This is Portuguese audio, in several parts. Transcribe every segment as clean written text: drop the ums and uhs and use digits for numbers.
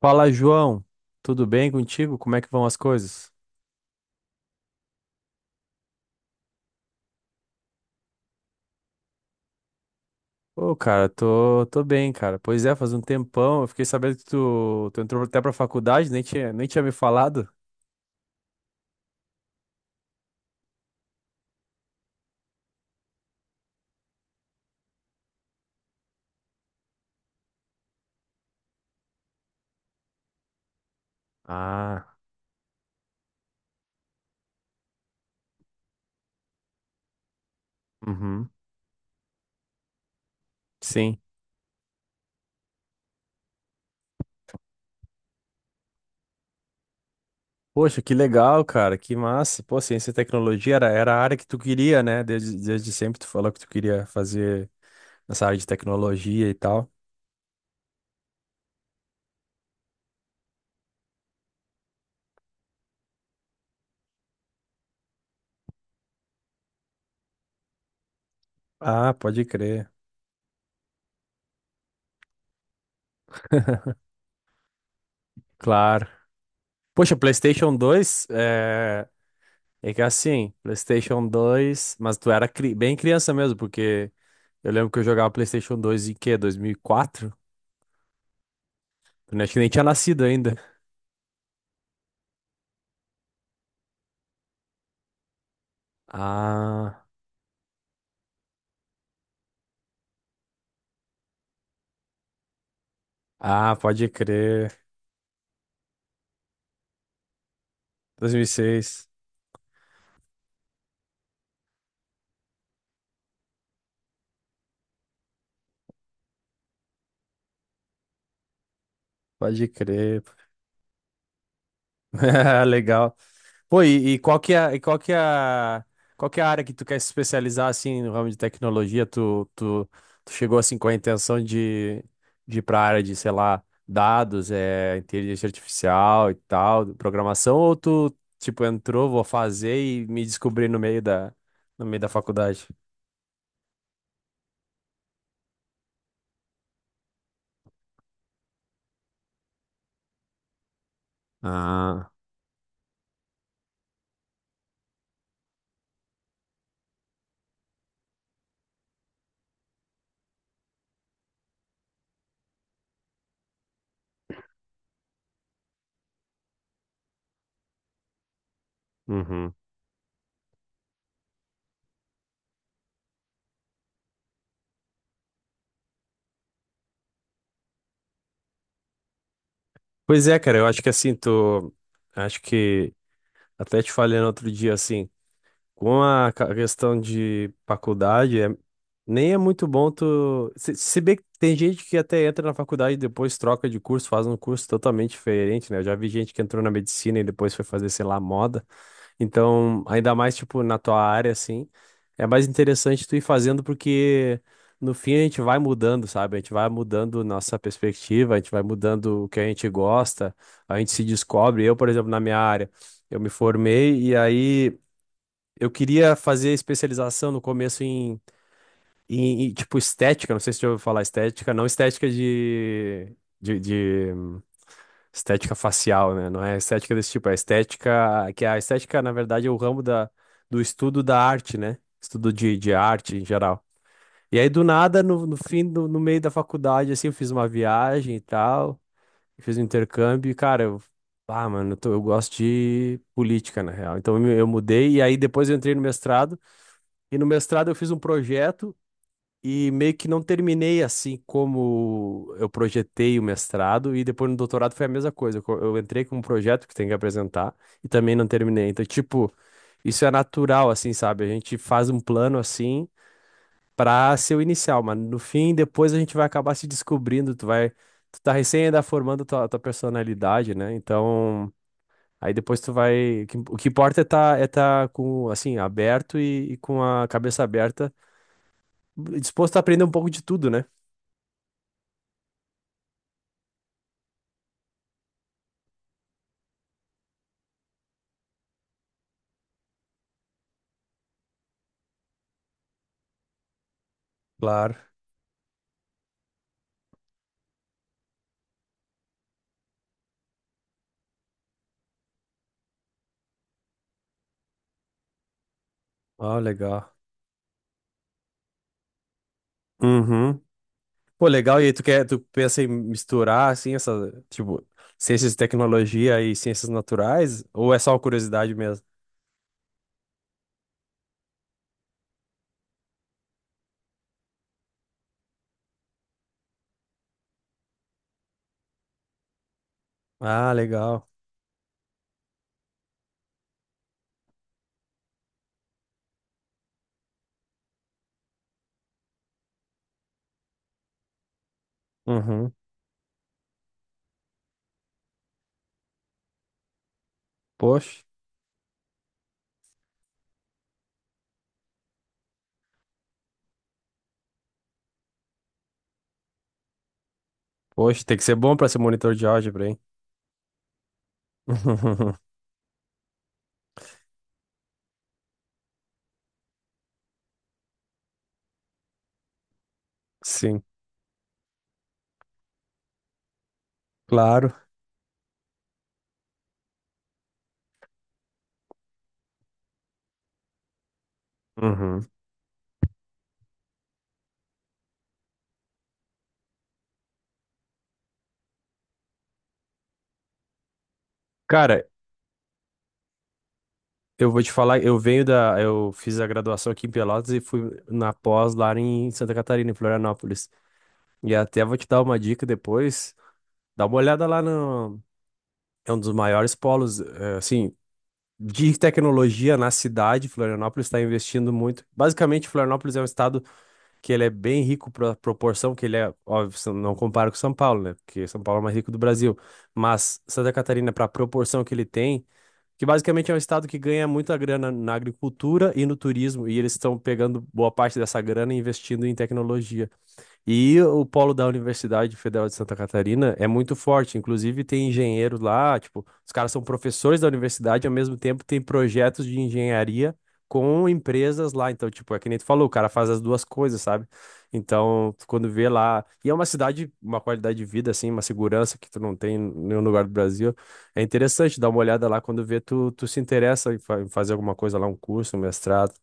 Fala, João. Tudo bem contigo? Como é que vão as coisas? Ô, cara, tô bem, cara. Pois é, faz um tempão. Eu fiquei sabendo que tu entrou até pra faculdade, nem tinha me falado. Ah, uhum, sim. Poxa, que legal, cara. Que massa. Pô, ciência e tecnologia era a área que tu queria, né? Desde sempre tu falou que tu queria fazer nessa área de tecnologia e tal. Ah, pode crer. Claro. Poxa, PlayStation dois é que assim, PlayStation dois, mas tu era bem criança mesmo, porque eu lembro que eu jogava PlayStation dois em quê? 2004. Eu acho que nem tinha nascido ainda. Ah, ah, pode crer. 2006, pode crer. Pô. Legal. Pô, e qual que é, e qual que é, a- qual que é a área que tu quer se especializar assim no ramo de tecnologia? Tu chegou assim com a intenção de ir para a área de, sei lá, dados, é, inteligência artificial e tal, programação, ou tu tipo entrou, vou fazer e me descobri no meio da faculdade? Ah, uhum. Pois é, cara, eu acho que assim, tu. Acho que até te falei no outro dia assim. Com a questão de faculdade, nem é muito bom tu. Se bem que tem gente que até entra na faculdade e depois troca de curso, faz um curso totalmente diferente, né? Eu já vi gente que entrou na medicina e depois foi fazer, sei lá, moda. Então, ainda mais, tipo, na tua área, assim, é mais interessante tu ir fazendo porque no fim a gente vai mudando, sabe? A gente vai mudando nossa perspectiva, a gente vai mudando o que a gente gosta, a gente se descobre. Eu, por exemplo, na minha área, eu me formei e aí. Eu queria fazer especialização no começo tipo, estética. Não sei se você já ouviu falar estética. Não estética de estética facial, né? Não é estética desse tipo. É estética... Que a estética, na verdade, é o ramo da, do estudo da arte, né? Estudo de arte em geral. E aí, do nada, no, no fim, no, no meio da faculdade, assim, eu fiz uma viagem e tal. Fiz um intercâmbio e, cara, eu... Ah, mano, eu gosto de política, na real. Então, eu mudei e aí depois eu entrei no mestrado. E no mestrado eu fiz um projeto e meio que não terminei assim como eu projetei o mestrado. E depois no doutorado foi a mesma coisa. Eu entrei com um projeto que tem que apresentar e também não terminei. Então, tipo, isso é natural, assim, sabe? A gente faz um plano assim pra ser o inicial, mas no fim, depois a gente vai acabar se descobrindo. Tu vai. Tu tá recém ainda formando tua personalidade, né? Então. Aí depois tu vai. O que importa é tá com, assim, aberto e com a cabeça aberta, disposto a aprender um pouco de tudo, né? Claro. Ah, legal. Uhum. Pô, legal. E aí tu quer, tu pensa em misturar assim essa, tipo, ciências de tecnologia e ciências naturais? Ou é só uma curiosidade mesmo? Ah, legal. Uhum. Poxa, tem que ser bom pra ser monitor de álgebra, hein? Sim, claro. Uhum. Cara, eu vou te falar, eu venho da, eu fiz a graduação aqui em Pelotas e fui na pós lá em Santa Catarina, em Florianópolis. E até vou te dar uma dica depois. Dá uma olhada lá no. É um dos maiores polos, eh, assim, de tecnologia na cidade. Florianópolis está investindo muito. Basicamente, Florianópolis é um estado que ele é bem rico para proporção que ele é, óbvio, se não compara com São Paulo, né? Porque São Paulo é o mais rico do Brasil. Mas Santa Catarina, para a proporção que ele tem, que basicamente é um estado que ganha muita grana na agricultura e no turismo, e eles estão pegando boa parte dessa grana e investindo em tecnologia. E o polo da Universidade Federal de Santa Catarina é muito forte. Inclusive, tem engenheiros lá, tipo, os caras são professores da universidade, ao mesmo tempo tem projetos de engenharia com empresas lá. Então, tipo, é que nem tu falou, o cara faz as duas coisas, sabe? Então, tu quando vê lá. E é uma cidade, uma qualidade de vida, assim, uma segurança que tu não tem em nenhum lugar do Brasil. É interessante dar uma olhada lá quando vê, tu se interessa em em fazer alguma coisa lá, um curso, um mestrado.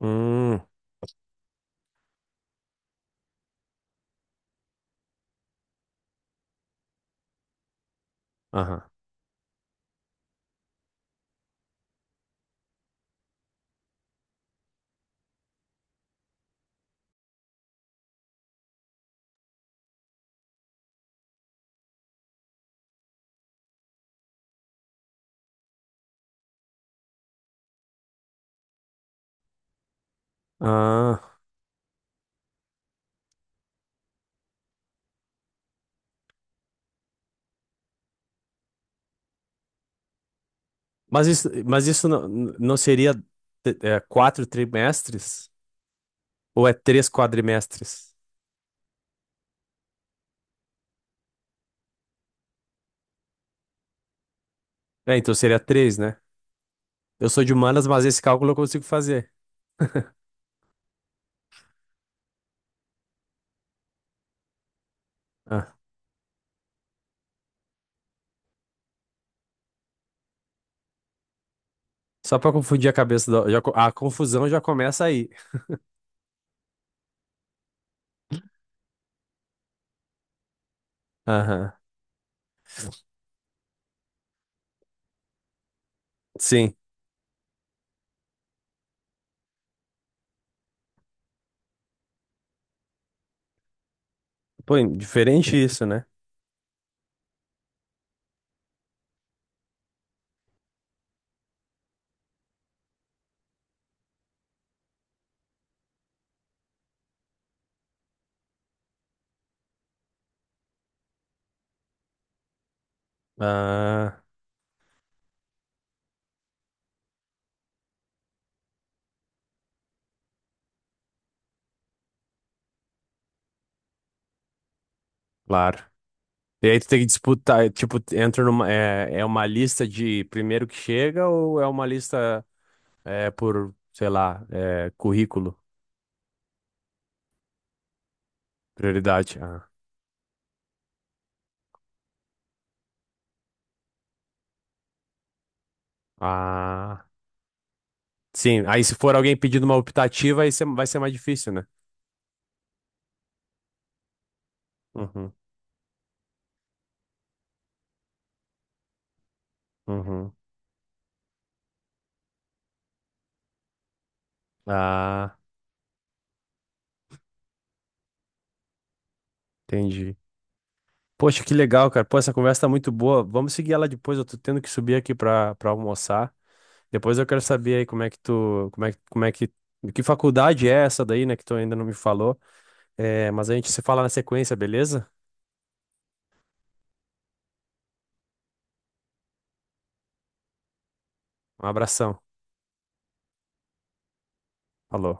Hum, aham. Ah. Mas isso não, não seria é, quatro trimestres? Ou é três quadrimestres? É, então seria três, né? Eu sou de humanas, mas esse cálculo eu consigo fazer. Ah, só para confundir a cabeça, a confusão já começa aí. Aham, sim. Pô, diferente isso, né? Ah, claro. E aí tu tem que disputar, tipo, entra numa, é, é uma lista de primeiro que chega ou é uma lista é, por, sei lá, é, currículo, prioridade? Ah. Ah, sim, aí se for alguém pedindo uma optativa, aí vai ser mais difícil, né? Uhum, uhum. Ah, entendi. Poxa, que legal, cara. Pô, essa conversa tá muito boa. Vamos seguir ela depois. Eu tô tendo que subir aqui pra almoçar. Depois eu quero saber aí como é que faculdade é essa daí, né, que tu ainda não me falou. É, mas a gente se fala na sequência, beleza? Um abração. Falou.